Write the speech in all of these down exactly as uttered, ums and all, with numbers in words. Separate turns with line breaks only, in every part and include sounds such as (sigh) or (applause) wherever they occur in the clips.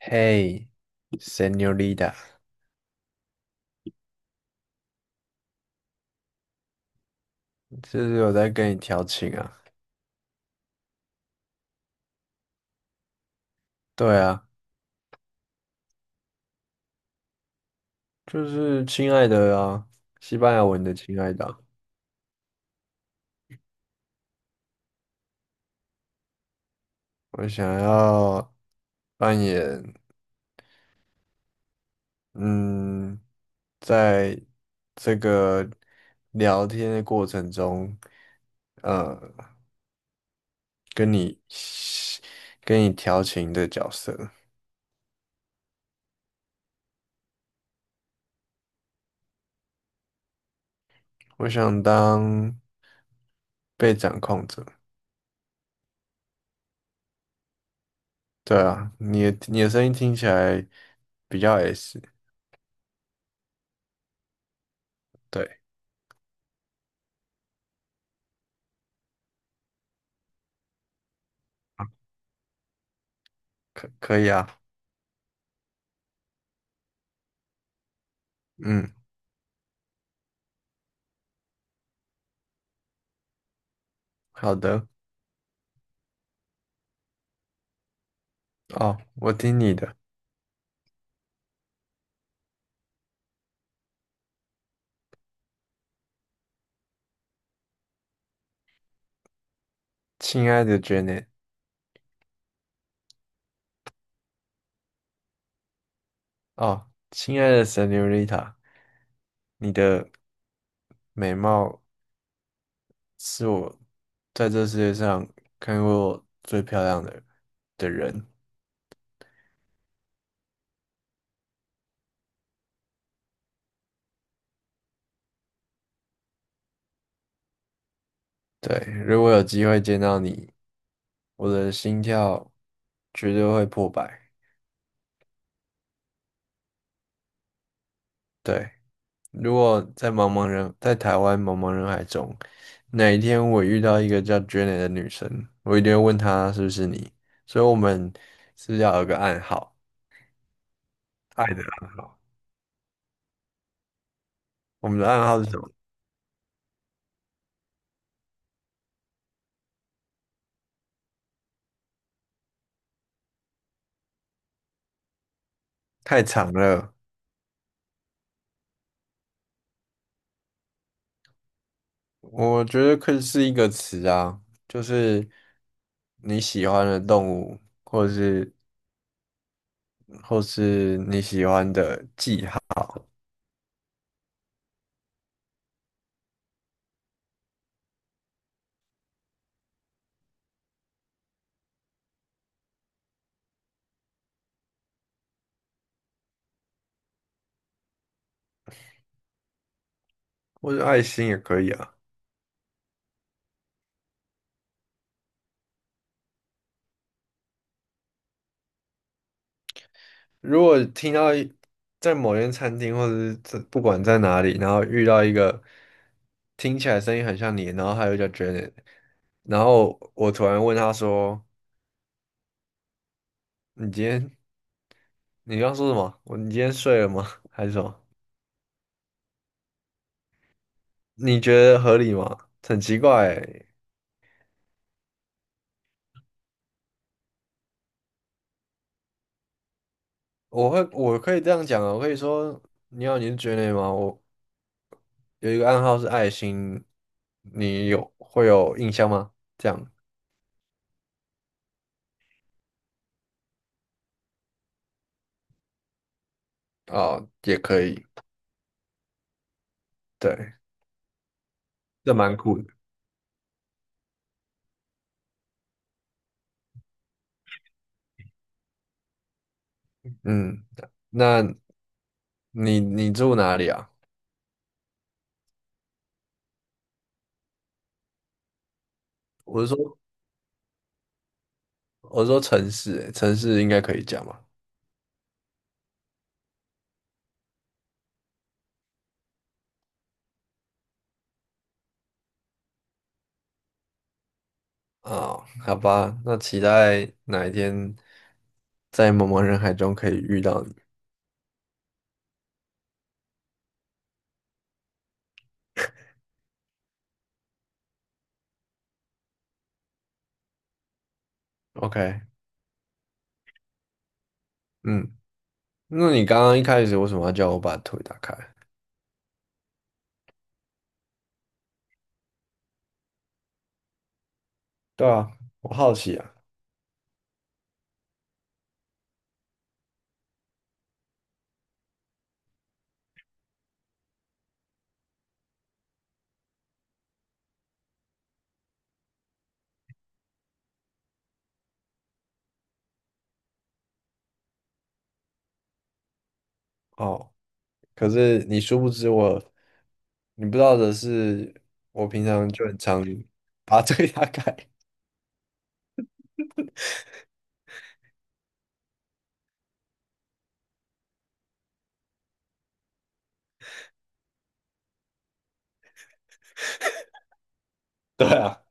嘿，Señorita，这是有在跟你调情啊？对啊，就是亲爱的啊，西班牙文的亲爱的啊。我想要扮演，嗯，在这个聊天的过程中，呃，跟你跟你调情的角色。我想当被掌控者。对啊，你的你的声音听起来比较 S。对，可可以啊，嗯，好的。哦，我听你的。亲爱的 Janet。哦，亲爱的 Senorita，你的美貌是我在这世界上看过最漂亮的的人。对，如果有机会见到你，我的心跳绝对会破百。对，如果在茫茫人，在台湾茫茫人海中，哪一天我遇到一个叫 Janet 的女生，我一定会问她是不是你，所以我们是不是要有个暗号，爱的暗号。我们的暗号是什么？太长了。我觉得可以是一个词啊，就是你喜欢的动物，或者是或是你喜欢的记号，或者爱心也可以啊。如果听到一在某间餐厅，或者是在不管在哪里，然后遇到一个听起来声音很像你，然后还有叫 Janet，然后我突然问他说：“你今天你刚刚说什么？我你今天睡了吗？还是什么？”你觉得合理吗？很奇怪欸。我会我可以这样讲啊，我可以说你好，你是觉得吗？我有一个暗号是爱心，你有会有印象吗？这样啊，哦也可以，对，这蛮酷的。嗯。那你你住哪里啊？我是说我是说城市欸，城市应该可以讲吧？啊，好吧，那期待哪一天在茫茫人海中可以遇到你。OK。嗯。那你刚刚一开始为什么要叫我把腿打开？对啊，我好奇啊。哦，可是你殊不知我，你不知道的是，我平常就很常把这个大改。(laughs) 对啊，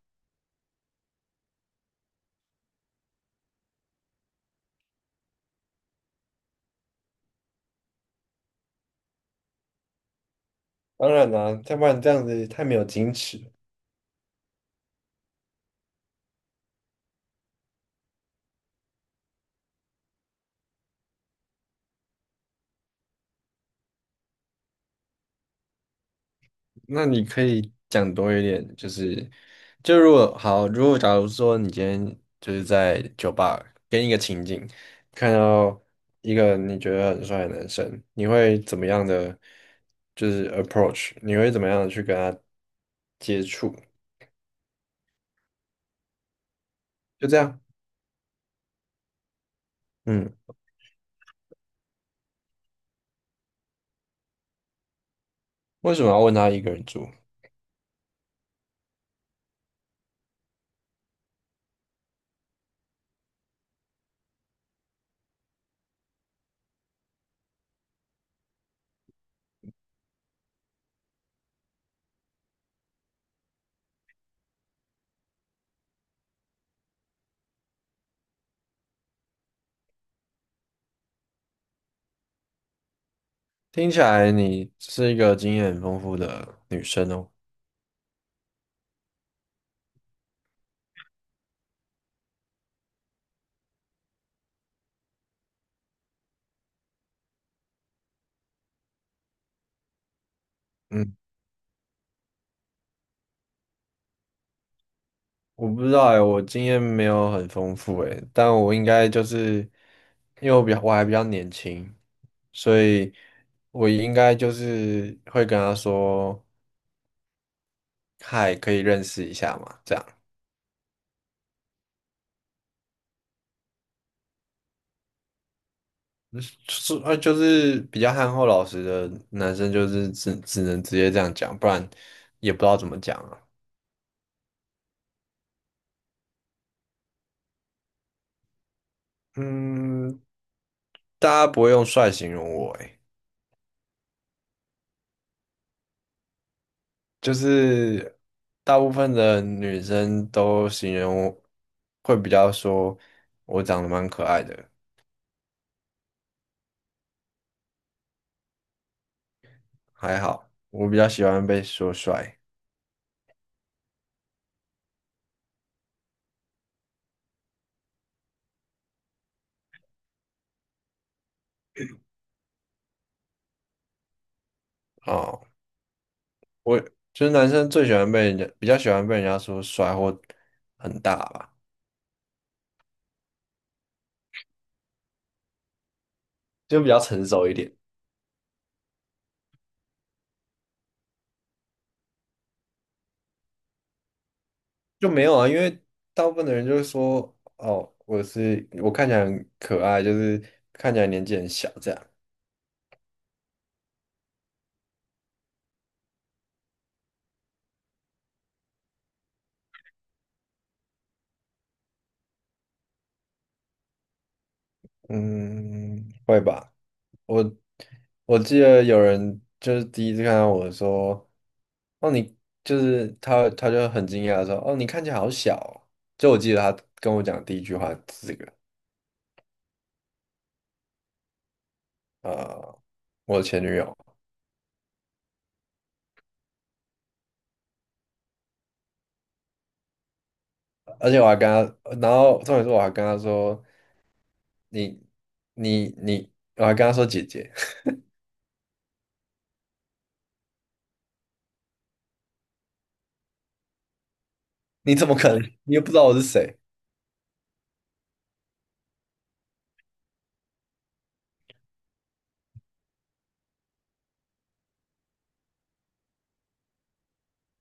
当然啦、要不然这样子太没有矜持了。那你可以讲多一点，就是就如果好，如果假如说你今天就是在酒吧跟一个情景，看到一个你觉得很帅的男生，你会怎么样的就是 approach？你会怎么样的去跟他接触？就这样。嗯，为什么要问她一个人住？听起来你是一个经验很丰富的女生哦。嗯。我不知道哎，我经验没有很丰富哎，但我应该就是因为我比较我还比较年轻，所以我应该就是会跟她说，嗨，可以认识一下嘛，这样。嗯。就是呃，就是比较憨厚老实的男生，就是只只能直接这样讲，不然也不知道怎么讲啊。嗯，大家不会用帅形容我诶。就是大部分的女生都形容我会比较说我长得蛮可爱的。还好，我比较喜欢被说帅。哦，我就是男生最喜欢被人家比较喜欢被人家说帅或很大吧。就比较成熟一点。就没有啊，因为大部分的人就是说哦，我是我看起来很可爱，就是看起来年纪很小这样。嗯，会吧。我。我记得有人就是第一次看到我说：“哦，你就是他，他就很惊讶地说：‘哦，你看起来好小哦’。”就我记得他跟我讲第一句话是这个。呃，我前女友。而且我还跟他，然后重点是我还跟他说：“你你你，我还跟他说姐姐，(laughs) 你怎么可能？你又不知道我是谁？”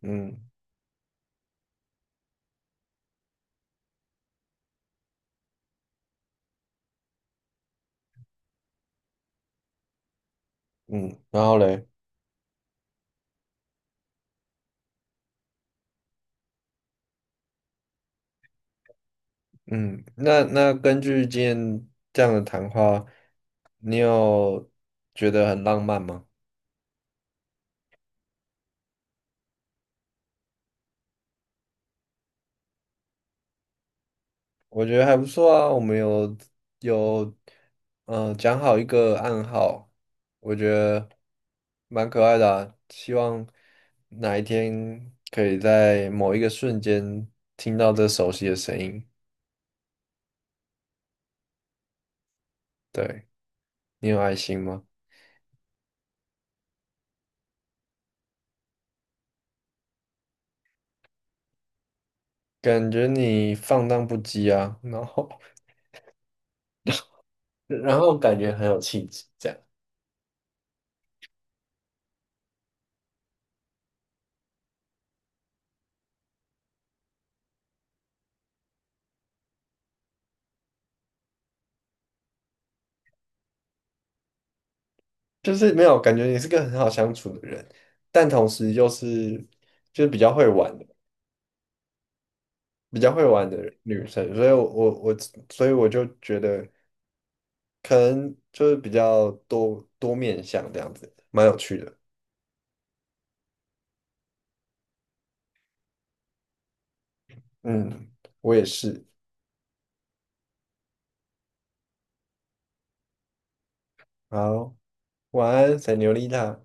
嗯嗯，然后嘞。嗯。那那根据今天这样的谈话，你有觉得很浪漫吗？我觉得还不错啊，我们有有嗯、呃讲好一个暗号。我觉得蛮可爱的啊希望哪一天可以在某一个瞬间听到这熟悉的声音。对，你有爱心吗？感觉你放荡不羁啊，然后 (laughs) 然后感觉很有气质，这样。就是没有感觉你是个很好相处的人，但同时又是就是比较会玩。比较会玩的女生，所以我我我，所以我就觉得可能就是比较多多面向这样子，蛮有趣的。嗯，我也是。好，晚安，塞牛丽塔。